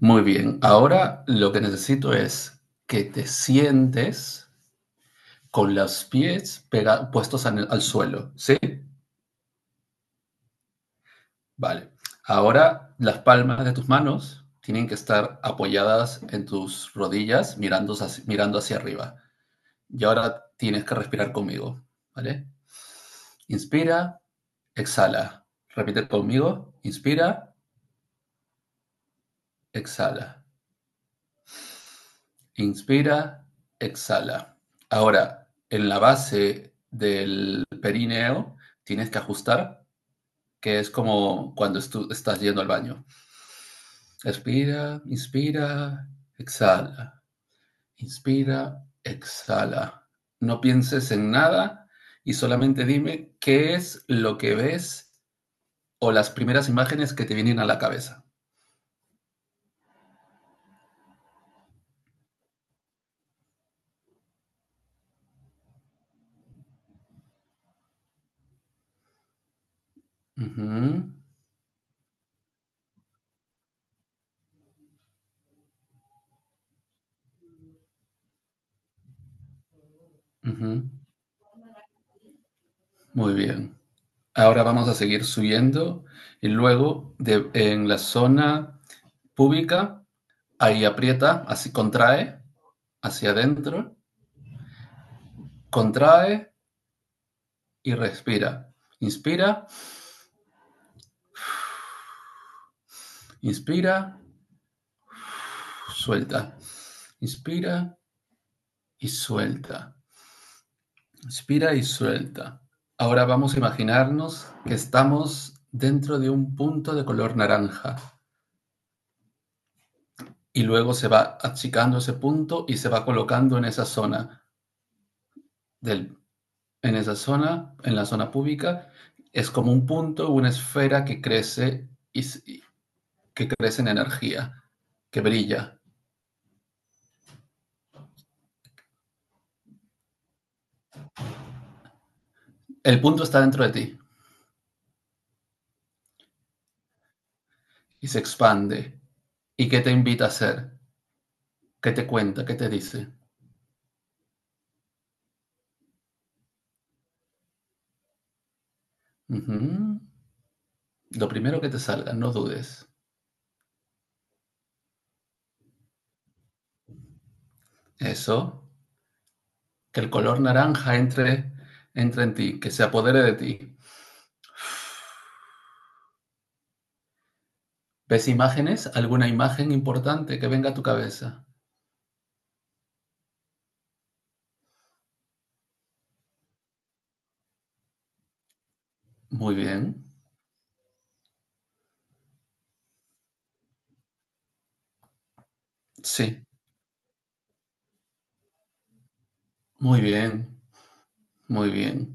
Muy bien, ahora lo que necesito es que te sientes con los pies puestos al suelo, ¿sí? Vale. Ahora las palmas de tus manos tienen que estar apoyadas en tus rodillas mirando hacia arriba. Y ahora tienes que respirar conmigo, ¿vale? Inspira, exhala. Repite conmigo, inspira, exhala. Inspira, exhala. Ahora, en la base del perineo tienes que ajustar, que es como cuando estás yendo al baño. Expira, inspira, exhala. Inspira, exhala. No pienses en nada y solamente dime qué es lo que ves o las primeras imágenes que te vienen a la cabeza. Uh -huh, uh -huh. Muy bien. Ahora vamos a seguir subiendo y luego en la zona pública, ahí aprieta, así contrae hacia adentro, contrae y respira. Inspira, inspira, suelta. Inspira y suelta. Inspira y suelta. Ahora vamos a imaginarnos que estamos dentro de un punto de color naranja y luego se va achicando ese punto y se va colocando en esa zona del en esa zona, en la zona pública, es como un punto, una esfera que crece y que crece en energía, que brilla. El punto está dentro de ti y se expande. ¿Y qué te invita a hacer? ¿Qué te cuenta? ¿Qué te dice? Ujú. Lo primero que te salga, no dudes. Eso, que el color naranja entre en ti, que se apodere de ti. ¿Ves imágenes? ¿Alguna imagen importante que venga a tu cabeza? Muy bien. Sí, muy bien, muy bien.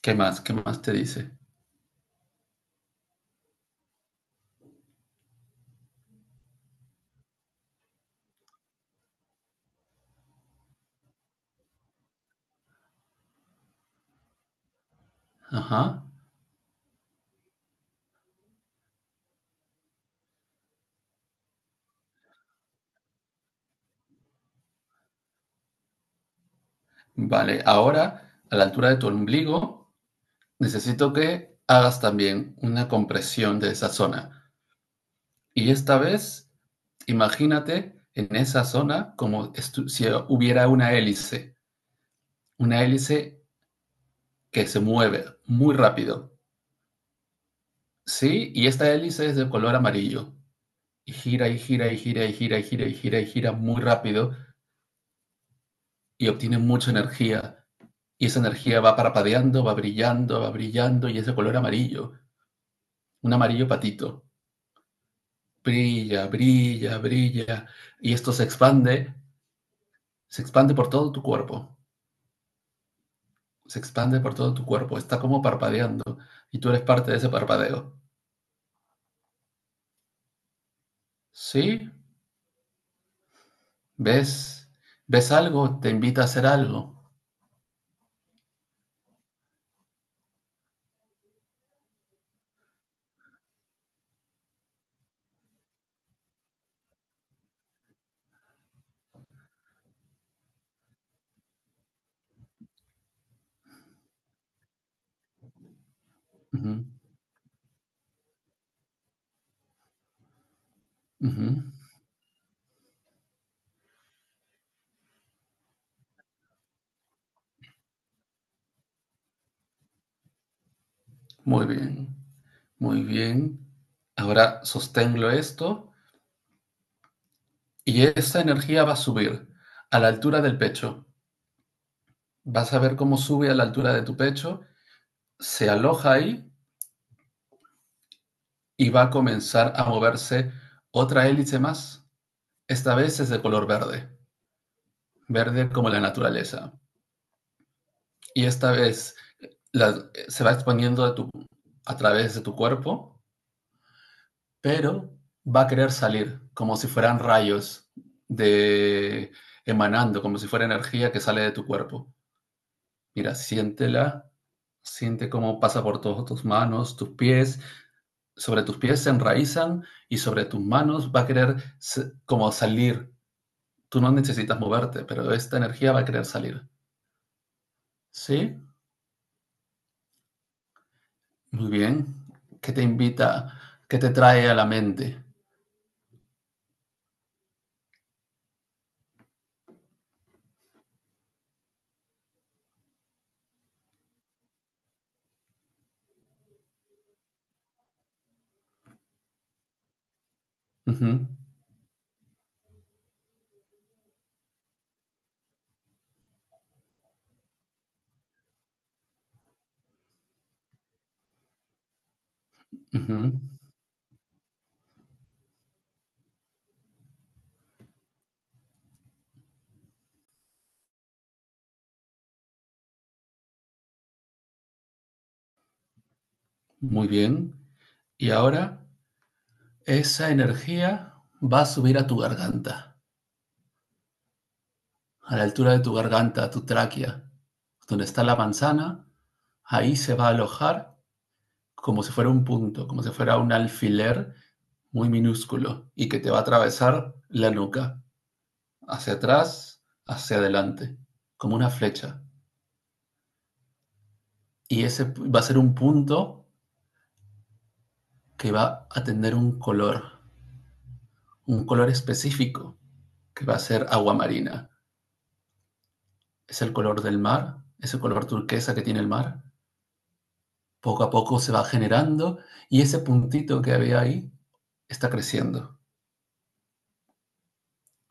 ¿Qué más? ¿Qué más te dice? Ajá. Vale, ahora, a la altura de tu ombligo, necesito que hagas también una compresión de esa zona. Y esta vez, imagínate en esa zona como si hubiera una hélice que se mueve muy rápido. Sí, y esta hélice es de color amarillo. Y gira y gira y gira y gira y gira y gira y gira muy rápido y obtiene mucha energía. Y esa energía va parpadeando, va brillando y es de color amarillo, un amarillo patito. Brilla, brilla, brilla. Y esto se expande por todo tu cuerpo, se expande por todo tu cuerpo, está como parpadeando y tú eres parte de ese parpadeo. ¿Sí? ¿Ves? ¿Ves algo? ¿Te invita a hacer algo? Uh -huh, uh -huh. Muy bien, muy bien. Ahora sostengo esto. Y esa energía va a subir a la altura del pecho. Vas a ver cómo sube a la altura de tu pecho, se aloja ahí y va a comenzar a moverse otra hélice más. Esta vez es de color verde, verde como la naturaleza. Y esta vez se va exponiendo a través de tu cuerpo, pero va a querer salir como si fueran rayos de emanando, como si fuera energía que sale de tu cuerpo. Mira, siéntela, siente cómo pasa por todas tus manos, tus pies, sobre tus pies se enraizan y sobre tus manos va a querer como salir. Tú no necesitas moverte, pero esta energía va a querer salir. ¿Sí? Muy bien. ¿Qué te invita? ¿Qué te trae a la mente? Ujú, ujú. Muy bien. Y ahora esa energía va a subir a tu garganta, a la altura de tu garganta, tu tráquea, donde está la manzana, ahí se va a alojar como si fuera un punto, como si fuera un alfiler muy minúsculo y que te va a atravesar la nuca, hacia atrás, hacia adelante, como una flecha. Y ese va a ser un punto que va a tener un color específico, que va a ser agua marina. Es el color del mar, es el color turquesa que tiene el mar, poco a poco se va generando y ese puntito que había ahí está creciendo,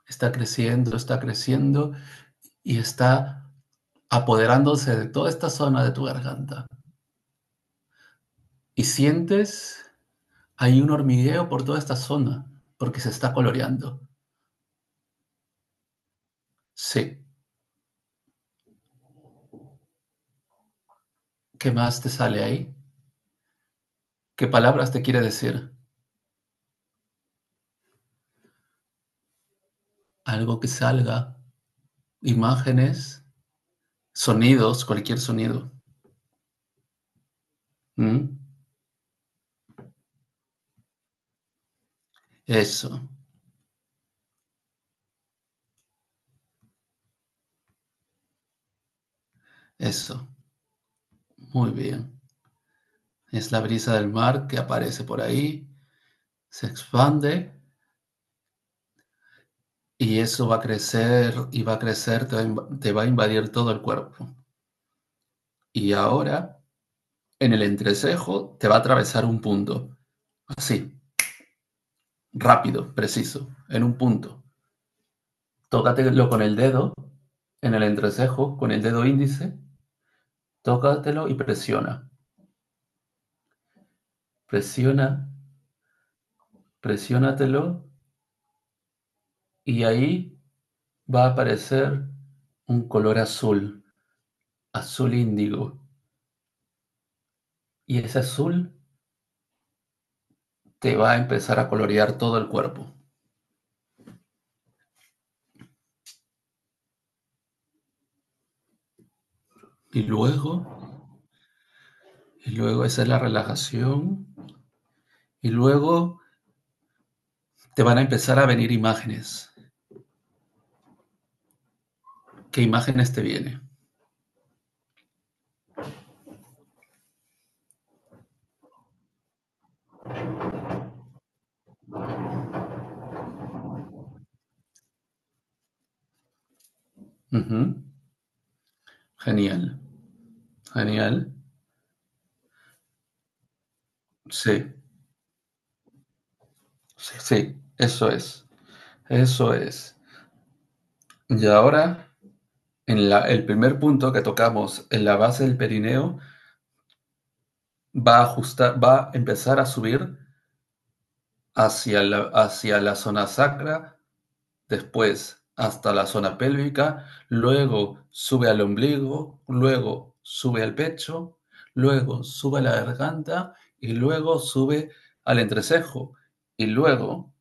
está creciendo, está creciendo y está apoderándose de toda esta zona de tu garganta. Y sientes, hay un hormigueo por toda esta zona porque se está coloreando. Sí, ¿qué más te sale ahí? ¿Qué palabras te quiere decir? Algo que salga, imágenes, sonidos, cualquier sonido. ¿Mm? Eso, eso, muy bien. Es la brisa del mar que aparece por ahí, se expande y eso va a crecer y va a crecer, te va a te va a invadir todo el cuerpo. Y ahora, en el entrecejo, te va a atravesar un punto. Así, rápido, preciso, en un punto. Tócatelo con el dedo, en el entrecejo, con el dedo índice, tócatelo y presiona. Presiona, presiónatelo y ahí va a aparecer un color azul, azul índigo. Y ese azul te va a empezar a colorear todo el cuerpo. Y luego, y luego esa es la relajación. Y luego te van a empezar a venir imágenes. ¿Qué imágenes te vienen? Ujú. Genial, genial. Sí, sí, sí, eso es, eso es. Y ahora, en el primer punto que tocamos, en la base del perineo, va a ajustar, va a empezar a subir hacia la zona sacra, después hasta la zona pélvica, luego sube al ombligo, luego sube al pecho, luego sube a la garganta y luego sube al entrecejo y luego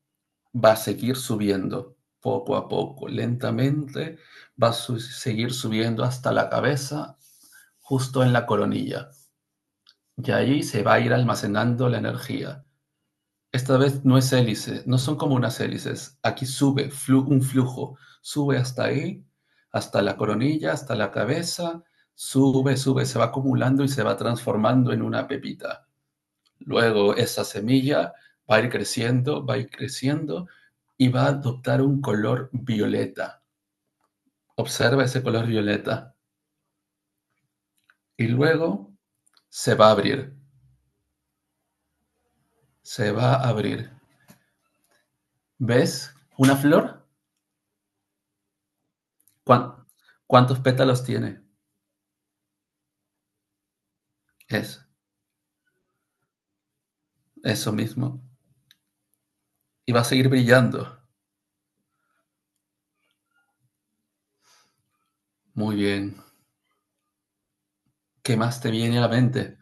va a seguir subiendo poco a poco, lentamente va a seguir subiendo hasta la cabeza, justo en la coronilla. Y ahí se va a ir almacenando la energía. Esta vez no es hélice, no son como unas hélices. Aquí sube un flujo, sube hasta ahí, hasta la coronilla, hasta la cabeza, sube, sube, se va acumulando y se va transformando en una pepita. Luego esa semilla va a ir creciendo, va a ir creciendo y va a adoptar un color violeta. Observa ese color violeta. Y luego se va a abrir, se va a abrir. ¿Ves? ¿Una flor? ¿Cuántos pétalos tiene? Eso. Eso mismo. Y va a seguir brillando. Muy bien. ¿Qué más te viene a la mente?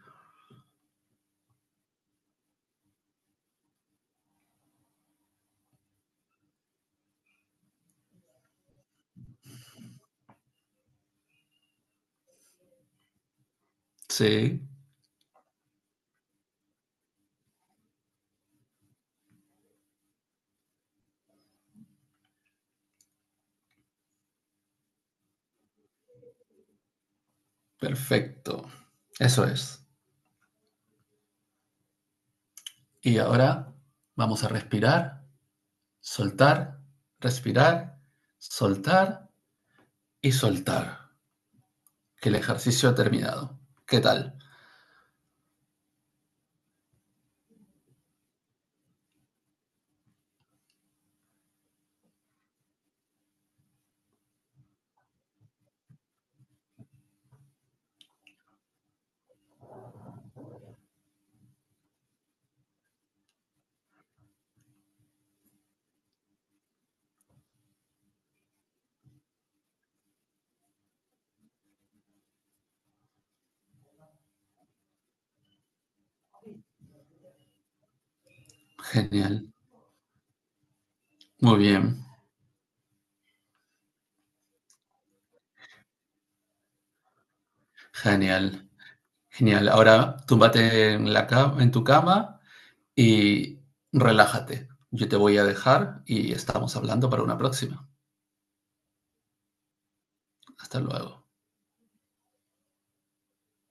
Sí, perfecto. Eso es. Y ahora vamos a soltar, respirar, soltar y soltar. Que el ejercicio ha terminado. ¿Qué tal? Genial. Muy bien. Genial. Genial. Ahora túmbate la cama , en tu cama, y relájate. Yo te voy a dejar y estamos hablando para una próxima. Hasta luego.